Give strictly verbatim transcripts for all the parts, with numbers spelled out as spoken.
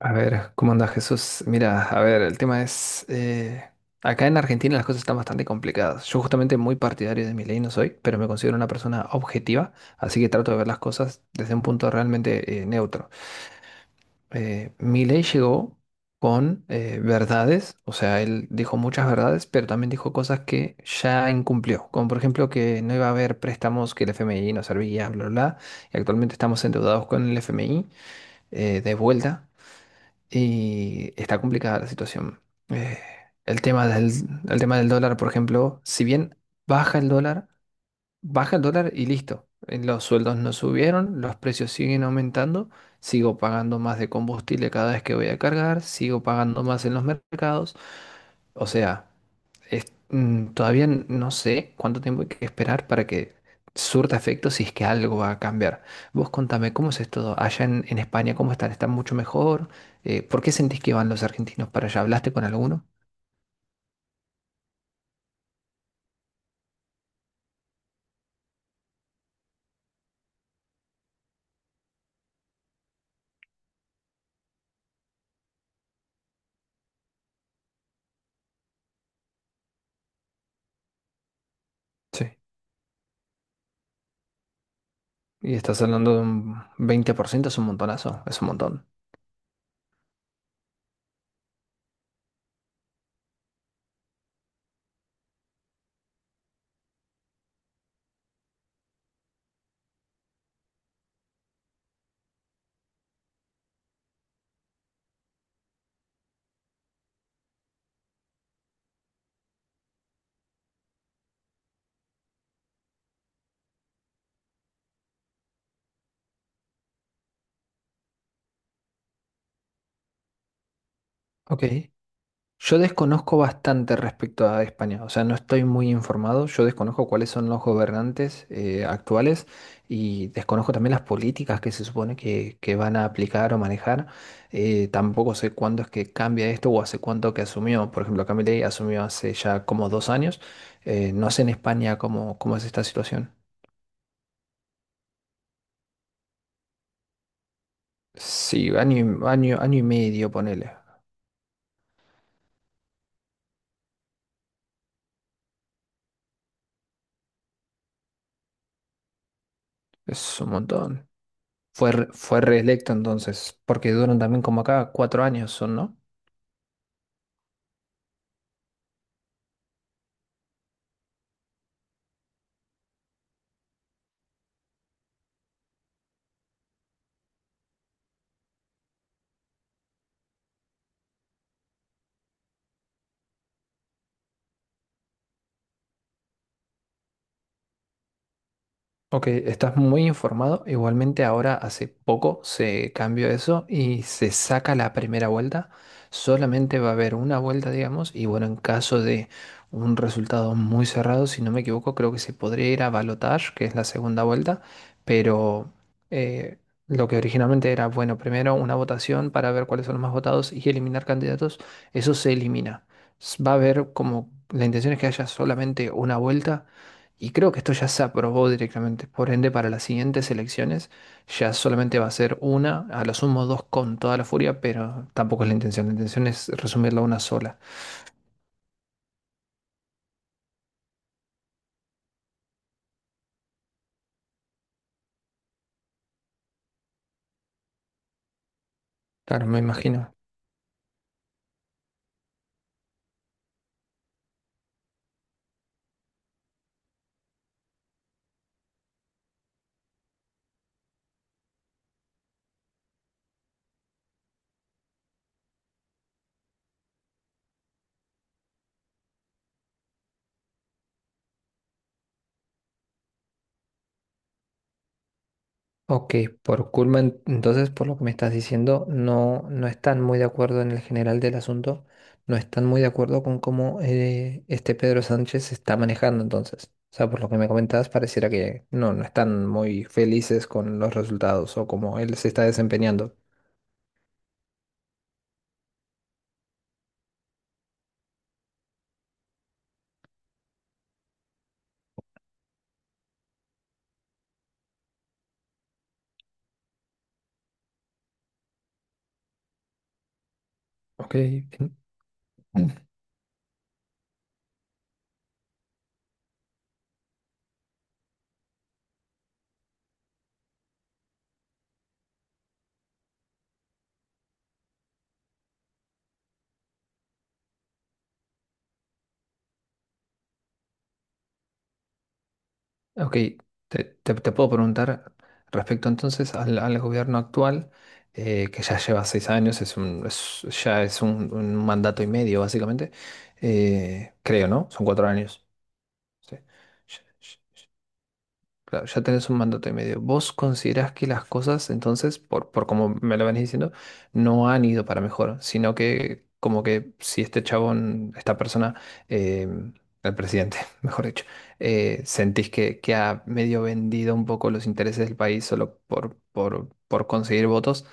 A ver, ¿cómo anda Jesús? Mira, a ver, el tema es, eh, acá en Argentina las cosas están bastante complicadas. Yo justamente muy partidario de mi ley no soy, pero me considero una persona objetiva, así que trato de ver las cosas desde un punto realmente eh, neutro. Eh, Milei llegó con eh, verdades, o sea, él dijo muchas verdades, pero también dijo cosas que ya incumplió, como por ejemplo que no iba a haber préstamos, que el F M I no servía, bla, bla, bla, y actualmente estamos endeudados con el F M I eh, de vuelta. Y está complicada la situación. Eh, el tema del, el tema del dólar, por ejemplo, si bien baja el dólar, baja el dólar y listo. Eh, Los sueldos no subieron, los precios siguen aumentando, sigo pagando más de combustible cada vez que voy a cargar, sigo pagando más en los mercados. O sea es- mm, todavía n- no sé cuánto tiempo hay que esperar para que surta efecto si es que algo va a cambiar. Vos contame, ¿cómo es esto allá en, en España? ¿Cómo están? ¿Están mucho mejor? Eh, ¿por qué sentís que van los argentinos para allá? ¿Hablaste con alguno? Sí. Y estás hablando de un veinte por ciento, es un montonazo, es un montón. Ok. Yo desconozco bastante respecto a España, o sea, no estoy muy informado, yo desconozco cuáles son los gobernantes eh, actuales y desconozco también las políticas que se supone que, que van a aplicar o manejar. Eh, tampoco sé cuándo es que cambia esto o hace cuánto que asumió. Por ejemplo, Milei asumió hace ya como dos años. Eh, no sé en España cómo, cómo es esta situación. Sí, año, y- año, año y medio, ponele. Es un montón. Fue, re- fue reelecto entonces, porque duran también como acá cuatro años, son, ¿no? Ok, estás muy informado. Igualmente ahora hace poco se cambió eso y se saca la primera vuelta. Solamente va a haber una vuelta, digamos, y bueno, en caso de un resultado muy cerrado, si no me equivoco, creo que se podría ir a balotage, que es la segunda vuelta, pero eh, lo que originalmente era, bueno, primero una votación para ver cuáles son los más votados y eliminar candidatos, eso se elimina. S- Va a haber como, la intención es que haya solamente una vuelta y creo que esto ya se aprobó directamente. Por ende, para las siguientes elecciones ya solamente va a ser una, a lo sumo dos con toda la furia, pero tampoco es la intención. La intención es resumirla a una sola. Claro, me imagino. Ok, por culpa, en- entonces, por lo que me estás diciendo, no, no están muy de acuerdo en el general del asunto, no están muy de acuerdo con cómo eh, este Pedro Sánchez se está manejando entonces. O sea, por lo que me comentabas, pareciera que no, no están muy felices con los resultados o cómo él se está desempeñando. Ok, en- ok, te, te- te puedo preguntar respecto entonces al, al gobierno actual, eh, que ya lleva seis años, es un, es- ya es un, un mandato y medio básicamente, eh, creo, ¿no? Son cuatro años. Sí. Claro, ya tenés un mandato y medio. ¿Vos considerás que las cosas, entonces, por, por como me lo venís diciendo, no han ido para mejor, sino que como que si este chabón, esta persona, eh, el presidente, mejor dicho, eh, sentís que, que ha medio vendido un poco los intereses del país solo por, por, por conseguir votos,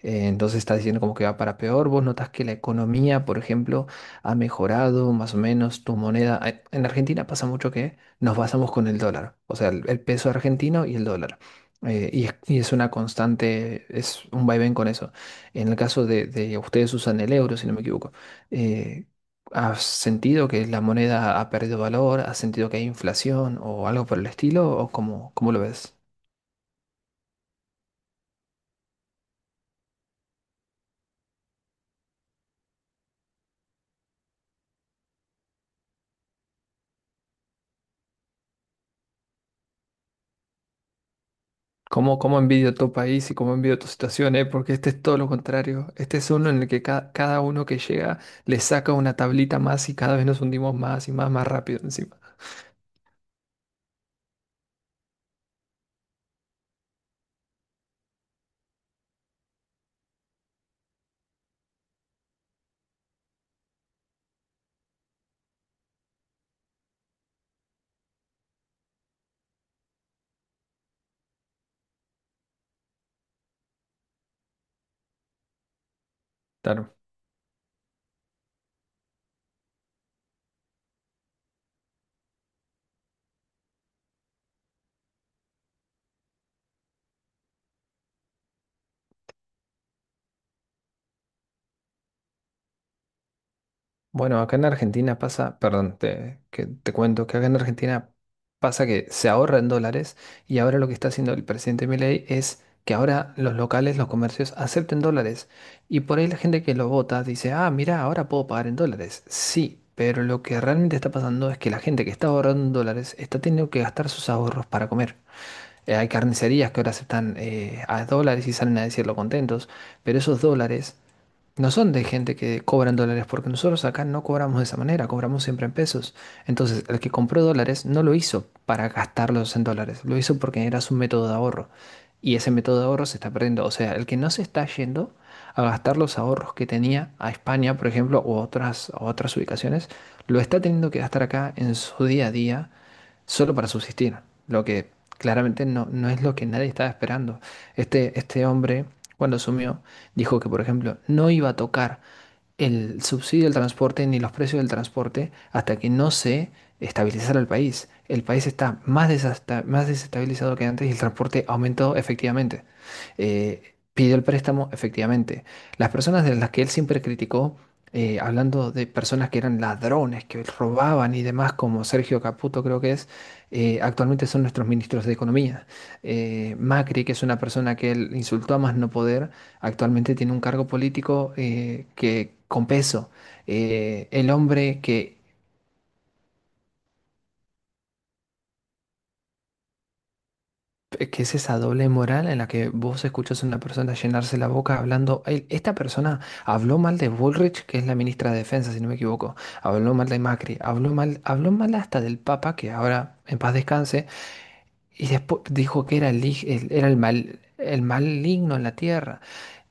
eh, entonces estás diciendo como que va para peor. ¿Vos notás que la economía, por ejemplo, ha mejorado más o menos tu moneda? eh, En Argentina pasa mucho que nos basamos con el dólar, o sea, el, el peso argentino y el dólar. Eh, y, es, y es una constante, es un vaivén con eso. En el caso de, de ustedes usan el euro, si no me equivoco. Eh, ¿has sentido que la moneda ha perdido valor? ¿Has sentido que hay inflación o algo por el estilo? ¿O cómo, cómo lo ves? ¿Cómo, cómo envidio tu país y cómo envidio tu situación, eh? Porque este es todo lo contrario. Este es uno en el que ca- cada uno que llega le saca una tablita más y cada vez nos hundimos más y más, más rápido encima. Bueno, acá en Argentina pasa, perdón, te, que te cuento que acá en Argentina pasa que se ahorra en dólares y ahora lo que está haciendo el presidente Milei es que ahora los locales, los comercios acepten dólares y por ahí la gente que lo vota dice, ah, mira, ahora puedo pagar en dólares. Sí, pero lo que realmente está pasando es que la gente que está ahorrando en dólares está teniendo que gastar sus ahorros para comer. Eh, hay carnicerías que ahora aceptan eh, a dólares y salen a decirlo contentos, pero esos dólares no son de gente que cobran dólares, porque nosotros acá no cobramos de esa manera, cobramos siempre en pesos. Entonces, el que compró dólares no lo hizo para gastarlos en dólares, lo hizo porque era su método de ahorro. Y ese método de ahorro se está perdiendo. O sea, el que no se está yendo a gastar los ahorros que tenía a España, por ejemplo, o otras, a otras ubicaciones, lo está teniendo que gastar acá en su día a día solo para subsistir, lo que claramente no, no es lo que nadie estaba esperando. Este, este hombre, cuando asumió, dijo que, por ejemplo, no iba a tocar el subsidio del transporte ni los precios del transporte hasta que no se estabilizara el país. El país está más desasta- más desestabilizado que antes y el transporte aumentó efectivamente. Eh, pidió el préstamo efectivamente. Las personas de las que él siempre criticó, eh, hablando de personas que eran ladrones, que robaban y demás, como Sergio Caputo creo que es, eh, actualmente son nuestros ministros de Economía. Eh, Macri, que es una persona que él insultó a más no poder, actualmente tiene un cargo político eh, que, con peso. Eh, el hombre que, que es esa doble moral en la que vos escuchás a una persona llenarse la boca hablando. él- esta persona habló mal de Bullrich, que es la ministra de Defensa, si no me equivoco. Habló mal de Macri, habló mal, habló mal hasta del Papa, que ahora en paz descanse. Y después dijo que era el, lig- el- era el mal, el maligno en la tierra.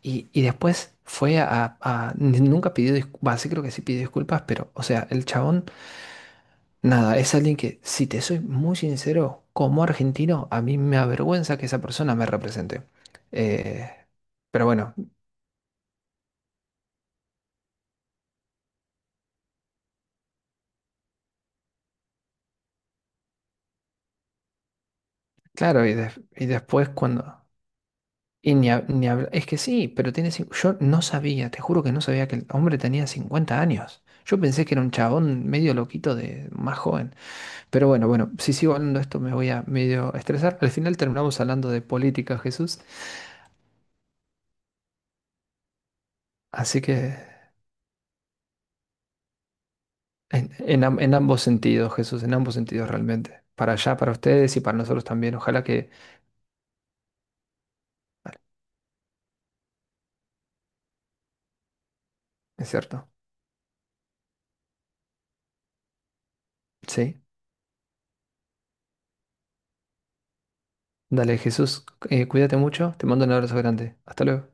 Y, y después fue a, a- ni- nunca pidió disculpas. Sí, creo que sí pidió disculpas, pero, o sea, el chabón, nada, es alguien que, si te soy muy sincero, como argentino, a mí me avergüenza que esa persona me represente. Eh, pero bueno, claro, y, des- y después cuando. Y ni, hab- ni habl- Es que sí, pero tiene... cin- yo no sabía, te juro que no sabía que el hombre tenía cincuenta años. Yo pensé que era un chabón medio loquito de más joven. Pero bueno, bueno, si sigo hablando de esto me voy a medio estresar. Al final terminamos hablando de política, Jesús. Así que en, en am- en ambos sentidos, Jesús, en ambos sentidos realmente. Para allá, para ustedes y para nosotros también. Ojalá que... Es cierto. Sí. Dale, Jesús, eh, cuídate mucho. Te mando un abrazo grande. Hasta luego.